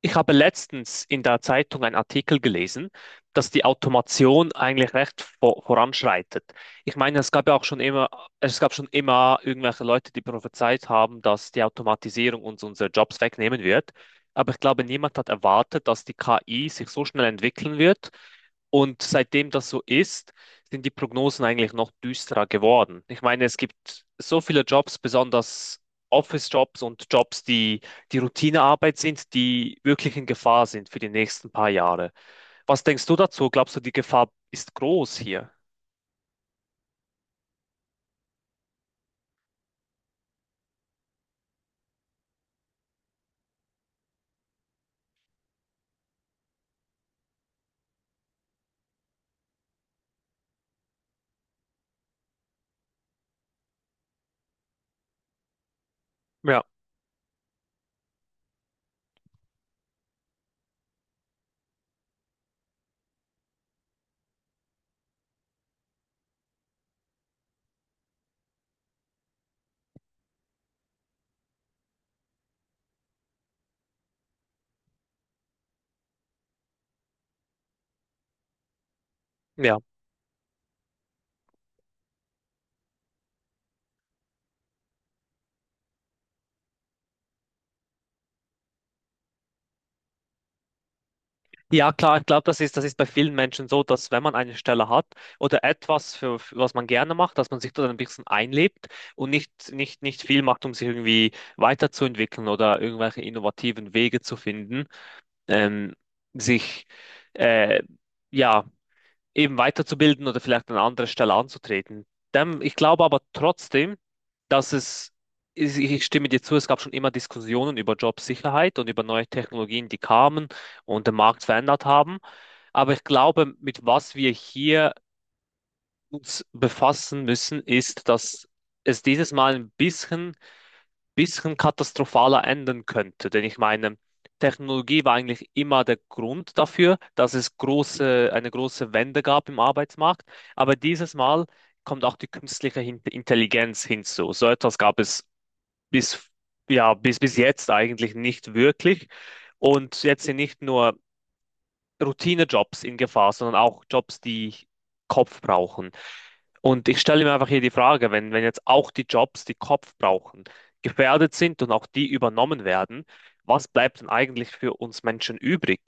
Ich habe letztens in der Zeitung einen Artikel gelesen, dass die Automation eigentlich recht voranschreitet. Ich meine, es gab schon immer irgendwelche Leute, die prophezeit haben, dass die Automatisierung uns unsere Jobs wegnehmen wird. Aber ich glaube, niemand hat erwartet, dass die KI sich so schnell entwickeln wird. Und seitdem das so ist, sind die Prognosen eigentlich noch düsterer geworden. Ich meine, es gibt so viele Jobs, besonders Office-Jobs und Jobs, die die Routinearbeit sind, die wirklich in Gefahr sind für die nächsten paar Jahre. Was denkst du dazu? Glaubst du, die Gefahr ist groß hier? Ja, ja. Ja, klar, ich glaube, das ist bei vielen Menschen so, dass wenn man eine Stelle hat oder etwas, für was man gerne macht, dass man sich dort ein bisschen einlebt und nicht viel macht, um sich irgendwie weiterzuentwickeln oder irgendwelche innovativen Wege zu finden, ähm, sich äh, ja, eben weiterzubilden oder vielleicht an anderer Stelle anzutreten. Dem, ich glaube aber trotzdem, dass es, ich stimme dir zu, es gab schon immer Diskussionen über Jobsicherheit und über neue Technologien, die kamen und den Markt verändert haben. Aber ich glaube, mit was wir hier uns befassen müssen, ist, dass es dieses Mal ein bisschen katastrophaler enden könnte. Denn ich meine, Technologie war eigentlich immer der Grund dafür, dass es eine große Wende gab im Arbeitsmarkt. Aber dieses Mal kommt auch die künstliche Intelligenz hinzu. So etwas gab es bis, bis jetzt eigentlich nicht wirklich. Und jetzt sind nicht nur Routinejobs in Gefahr, sondern auch Jobs, die Kopf brauchen. Und ich stelle mir einfach hier die Frage, wenn jetzt auch die Jobs, die Kopf brauchen, gefährdet sind und auch die übernommen werden, was bleibt denn eigentlich für uns Menschen übrig?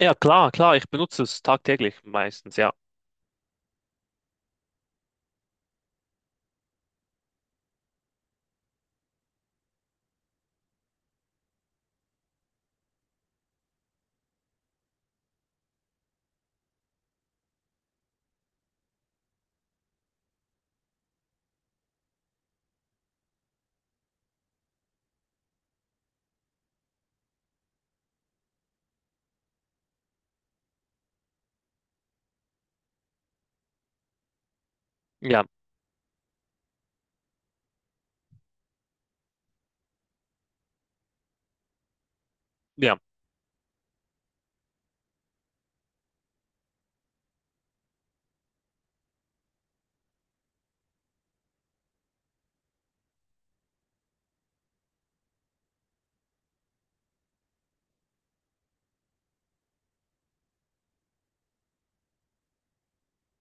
Ja, klar, klar, ich benutze es tagtäglich meistens, ja. Ja, ja,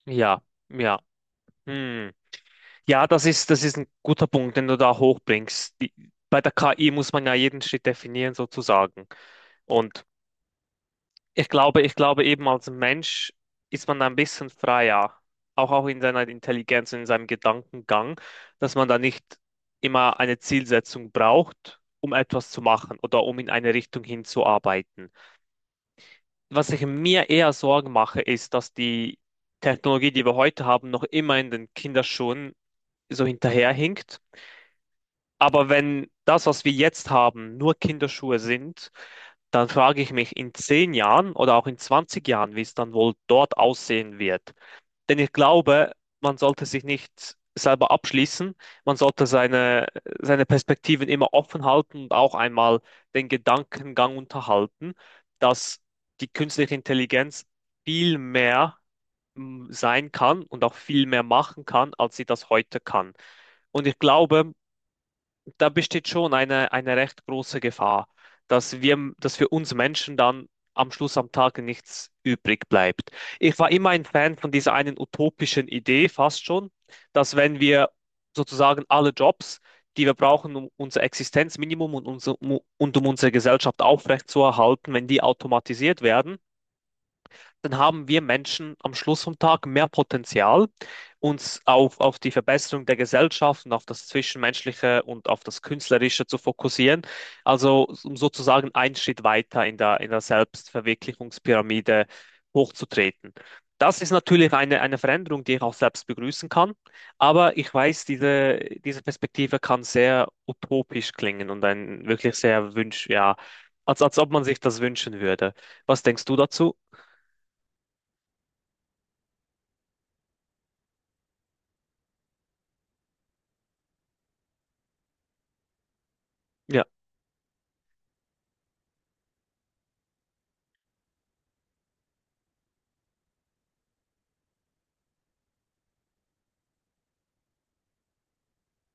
ja, ja. Hm. Ja, das ist ein guter Punkt, den du da hochbringst. Die, bei der KI muss man ja jeden Schritt definieren, sozusagen. Und ich glaube, ich glaube eben als Mensch ist man da ein bisschen freier, auch in seiner Intelligenz und in seinem Gedankengang, dass man da nicht immer eine Zielsetzung braucht, um etwas zu machen oder um in eine Richtung hinzuarbeiten. Was ich mir eher Sorgen mache, ist, dass die Technologie, die wir heute haben, noch immer in den Kinderschuhen so hinterherhinkt. Aber wenn das, was wir jetzt haben, nur Kinderschuhe sind, dann frage ich mich in 10 Jahren oder auch in 20 Jahren, wie es dann wohl dort aussehen wird. Denn ich glaube, man sollte sich nicht selber abschließen, man sollte seine Perspektiven immer offen halten und auch einmal den Gedankengang unterhalten, dass die künstliche Intelligenz viel mehr sein kann und auch viel mehr machen kann, als sie das heute kann. Und ich glaube, da besteht schon eine recht große Gefahr, dass für uns Menschen dann am Schluss am Tag nichts übrig bleibt. Ich war immer ein Fan von dieser einen utopischen Idee, fast schon, dass wenn wir sozusagen alle Jobs, die wir brauchen, um unser Existenzminimum und um unsere Gesellschaft aufrechtzuerhalten, wenn die automatisiert werden, dann haben wir Menschen am Schluss vom Tag mehr Potenzial, auf die Verbesserung der Gesellschaft und auf das Zwischenmenschliche und auf das Künstlerische zu fokussieren. Also um sozusagen einen Schritt weiter in der Selbstverwirklichungspyramide hochzutreten. Das ist natürlich eine Veränderung, die ich auch selbst begrüßen kann, aber ich weiß, diese Perspektive kann sehr utopisch klingen und ein wirklich sehr Wunsch, ja, als ob man sich das wünschen würde. Was denkst du dazu? Ja.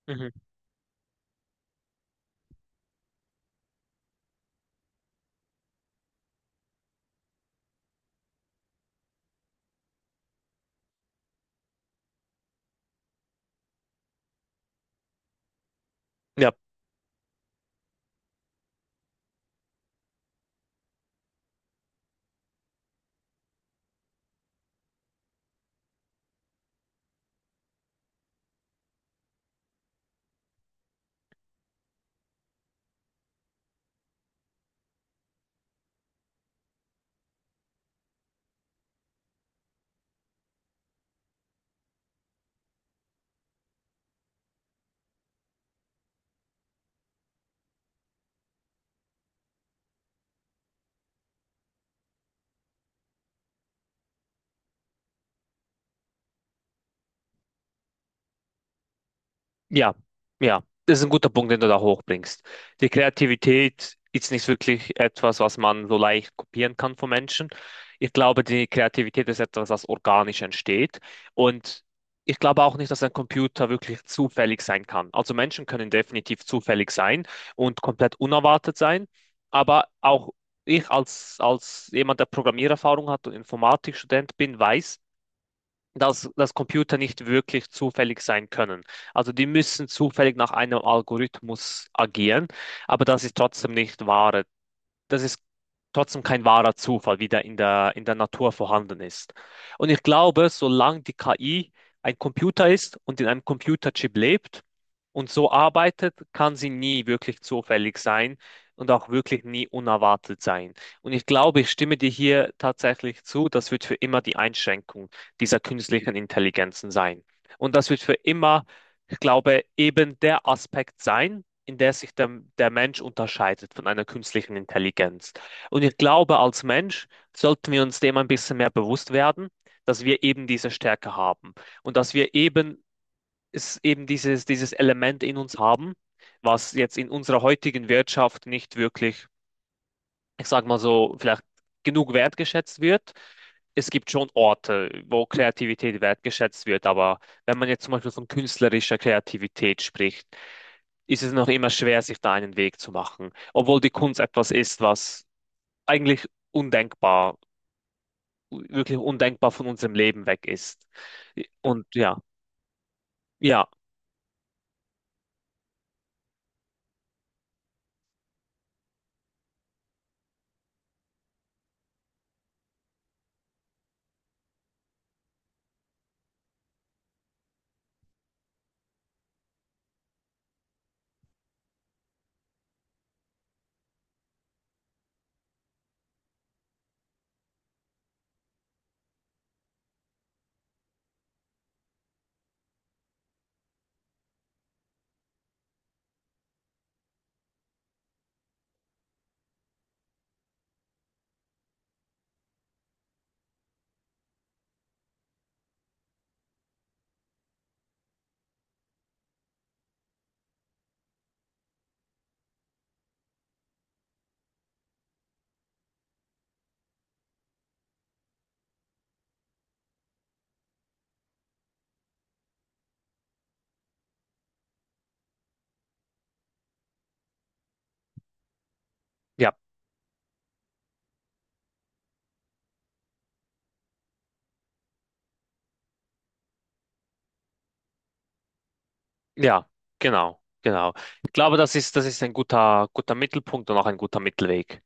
Mhm. Ja, ja, ja. Das ist ein guter Punkt, den du da hochbringst. Die Kreativität ist nicht wirklich etwas, was man so leicht kopieren kann von Menschen. Ich glaube, die Kreativität ist etwas, was organisch entsteht. Und ich glaube auch nicht, dass ein Computer wirklich zufällig sein kann. Also Menschen können definitiv zufällig sein und komplett unerwartet sein. Aber auch ich als jemand, der Programmiererfahrung hat und Informatikstudent bin, weiß, dass Computer nicht wirklich zufällig sein können. Also die müssen zufällig nach einem Algorithmus agieren, aber das ist trotzdem nicht wahr, dass es trotzdem kein wahrer Zufall wieder in der Natur vorhanden ist. Und ich glaube, solange die KI ein Computer ist und in einem Computerchip lebt und so arbeitet, kann sie nie wirklich zufällig sein und auch wirklich nie unerwartet sein. Und ich glaube, ich stimme dir hier tatsächlich zu, das wird für immer die Einschränkung dieser künstlichen Intelligenzen sein. Und das wird für immer, ich glaube, eben der Aspekt sein, in der sich der Mensch unterscheidet von einer künstlichen Intelligenz. Und ich glaube, als Mensch sollten wir uns dem ein bisschen mehr bewusst werden, dass wir eben diese Stärke haben und dass wir eben, es eben dieses Element in uns haben, was jetzt in unserer heutigen Wirtschaft nicht wirklich, ich sag mal so, vielleicht genug wertgeschätzt wird. Es gibt schon Orte, wo Kreativität wertgeschätzt wird, aber wenn man jetzt zum Beispiel von künstlerischer Kreativität spricht, ist es noch immer schwer, sich da einen Weg zu machen. Obwohl die Kunst etwas ist, was eigentlich undenkbar, wirklich undenkbar von unserem Leben weg ist. Und ja, ja, ja, ja, genau, genau. Ich glaube, das ist ein guter, guter Mittelpunkt und auch ein guter Mittelweg.